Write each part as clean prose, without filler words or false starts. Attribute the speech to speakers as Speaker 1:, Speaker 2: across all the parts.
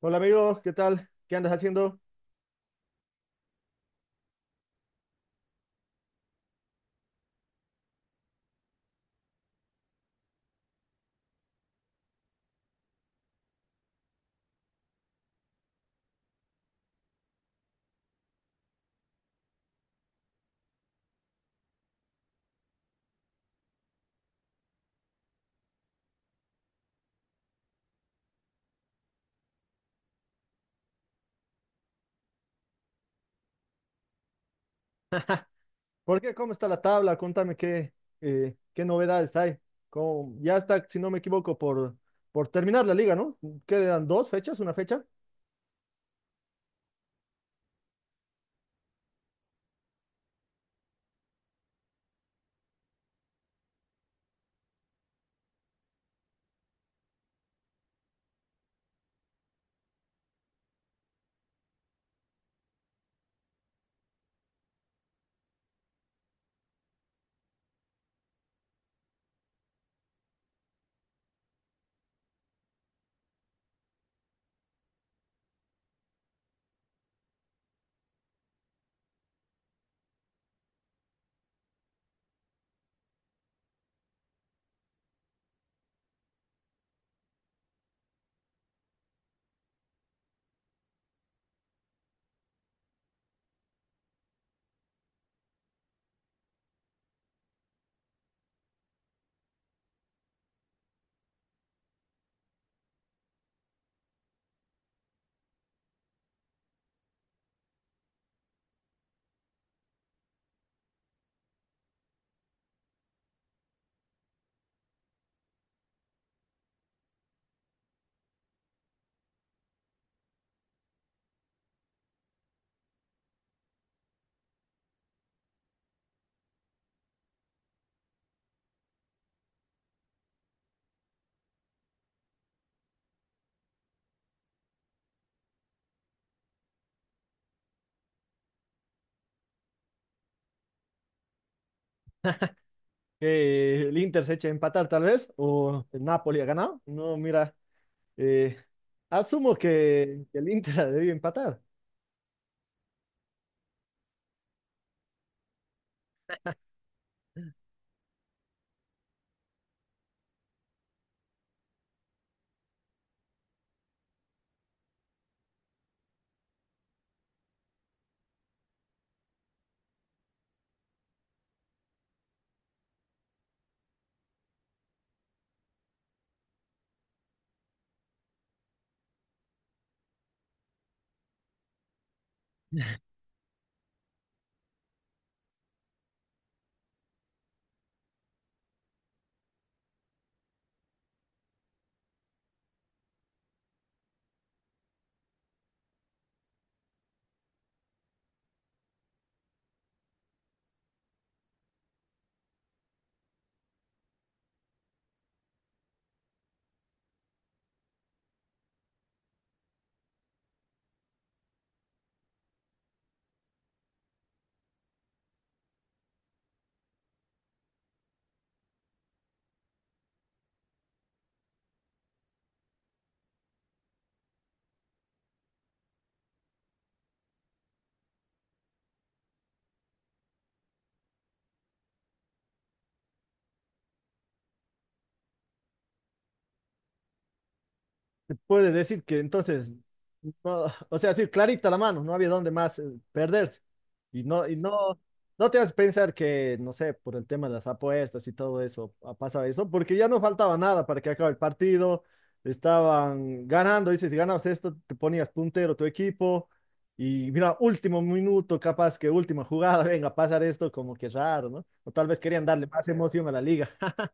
Speaker 1: Hola amigo, ¿qué tal? ¿Qué andas haciendo? ¿Por qué? ¿Cómo está la tabla? Contame qué novedades hay. Ya está, si no me equivoco, por terminar la liga, ¿no? Quedan dos fechas, una fecha. Que el Inter se eche a empatar tal vez, o el Napoli ha ganado. No, mira, eh, asumo que el Inter ha empatar. Se puede decir que entonces, no, o sea, sí, clarita la mano, no había dónde más perderse. Y no, no te vas a pensar que, no sé, por el tema de las apuestas y todo eso, ha pasado eso, porque ya no faltaba nada para que acabe el partido. Estaban ganando, dices, si ganabas esto, te ponías puntero tu equipo. Y mira, último minuto, capaz que última jugada, venga, a pasar esto, como que raro, ¿no? O tal vez querían darle más emoción a la liga.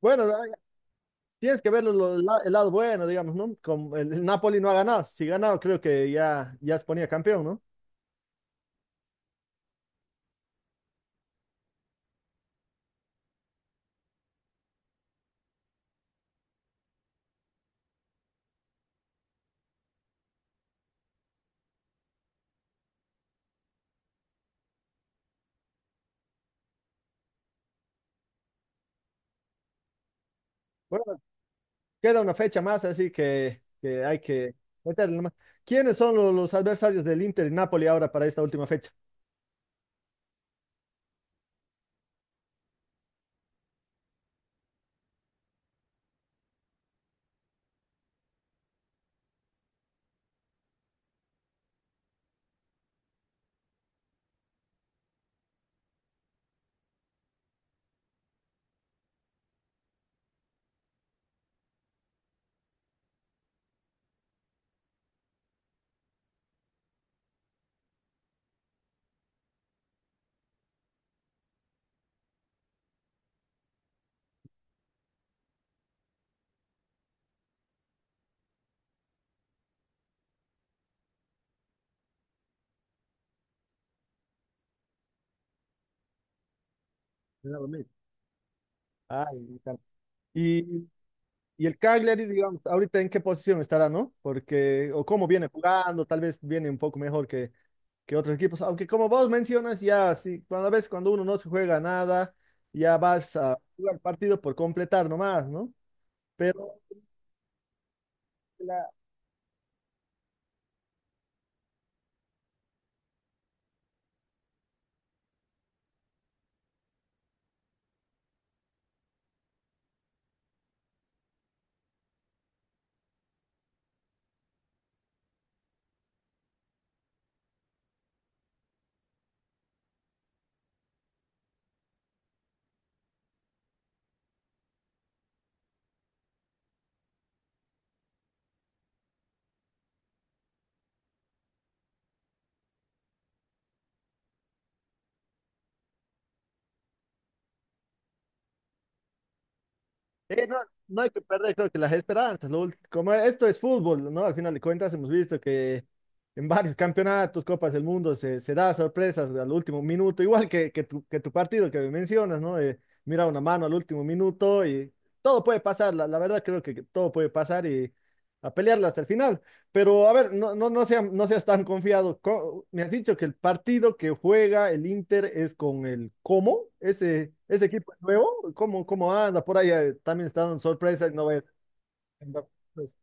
Speaker 1: Bueno, tienes que ver el lado bueno, digamos, ¿no? Como el Napoli no ha ganado. Si ganaba, creo que ya se ponía campeón, ¿no? Bueno, queda una fecha más, así que hay que meterle nomás. ¿Quiénes son los adversarios del Inter y Napoli ahora para esta última fecha? Claro, mira. Ah, y, tal. y y el Cagliari, digamos, ahorita en qué posición estará, ¿no? Porque, o cómo viene jugando, tal vez viene un poco mejor que otros equipos. Aunque como vos mencionas, ya sí, cuando a veces cuando uno no se juega nada, ya vas a jugar partido por completar nomás, ¿no? Pero la- eh, no, no hay que perder, creo que las esperanzas. Como esto es fútbol, ¿no? Al final de cuentas hemos visto que en varios campeonatos, Copas del Mundo, se da sorpresas al último minuto, igual que tu partido que mencionas, ¿no? Mira una mano al último minuto y todo puede pasar, la verdad creo que todo puede pasar y a pelearla hasta el final. Pero a ver, no seas tan confiado. Me has dicho que el partido que juega el Inter es con el cómo ese, ese equipo es nuevo. ¿Cómo, cómo anda? Por ahí también está dando sorpresa, no vayas a andar, pues.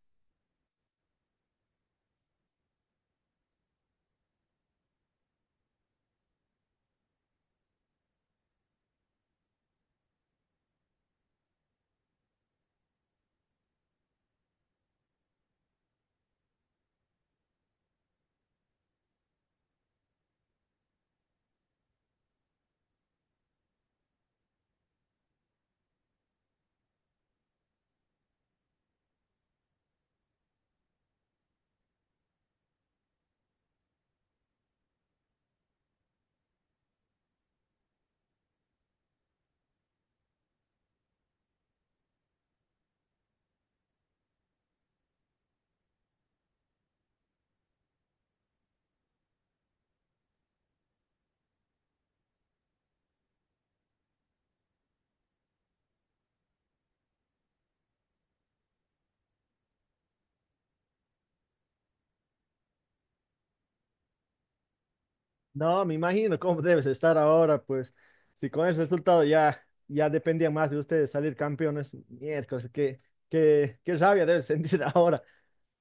Speaker 1: No, me imagino cómo debes estar ahora, pues. Si con ese resultado ya, ya dependía más de ustedes salir campeones, miércoles, qué rabia debes sentir ahora.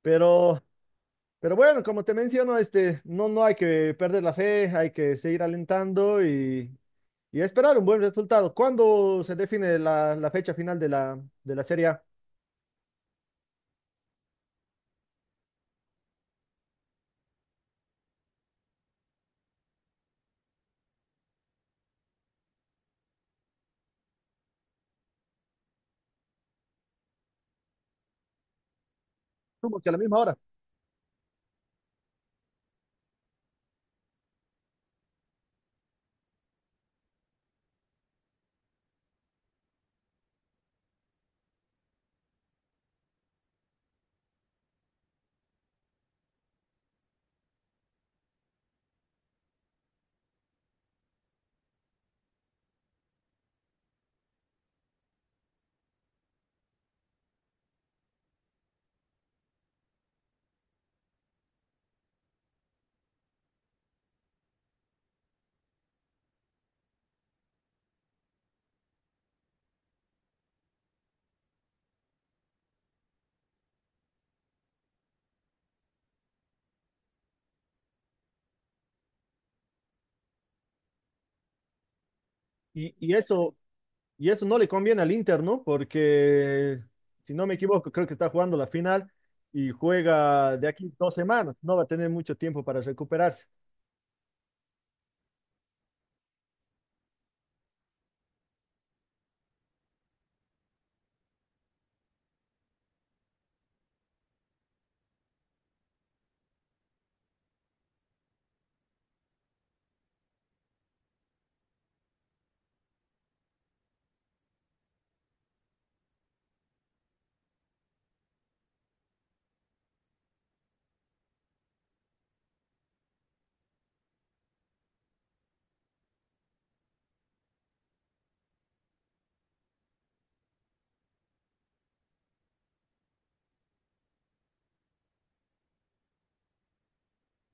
Speaker 1: Pero. Pero bueno, como te menciono, este, no, no hay que perder la fe, hay que seguir alentando y esperar un buen resultado. ¿Cuándo se define la fecha final de de la Serie A? Supongo que a la misma hora. Y, y eso, y eso no le conviene al Inter, ¿no? Porque, si no me equivoco, creo que está jugando la final y juega de aquí dos semanas. No va a tener mucho tiempo para recuperarse.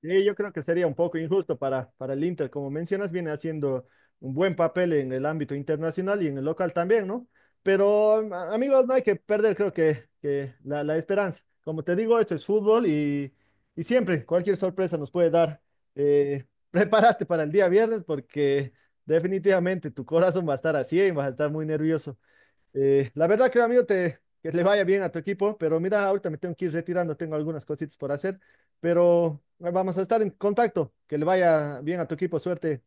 Speaker 1: Sí, yo creo que sería un poco injusto para el Inter. Como mencionas, viene haciendo un buen papel en el ámbito internacional y en el local también, ¿no? Pero, amigos, no hay que perder, creo que la esperanza. Como te digo, esto es fútbol y siempre cualquier sorpresa nos puede dar. Prepárate para el día viernes porque definitivamente tu corazón va a estar a 100, vas a estar muy nervioso. La verdad, creo, amigo, te, que le vaya bien a tu equipo, pero mira, ahorita me tengo que ir retirando, tengo algunas cositas por hacer, pero vamos a estar en contacto. Que le vaya bien a tu equipo, suerte.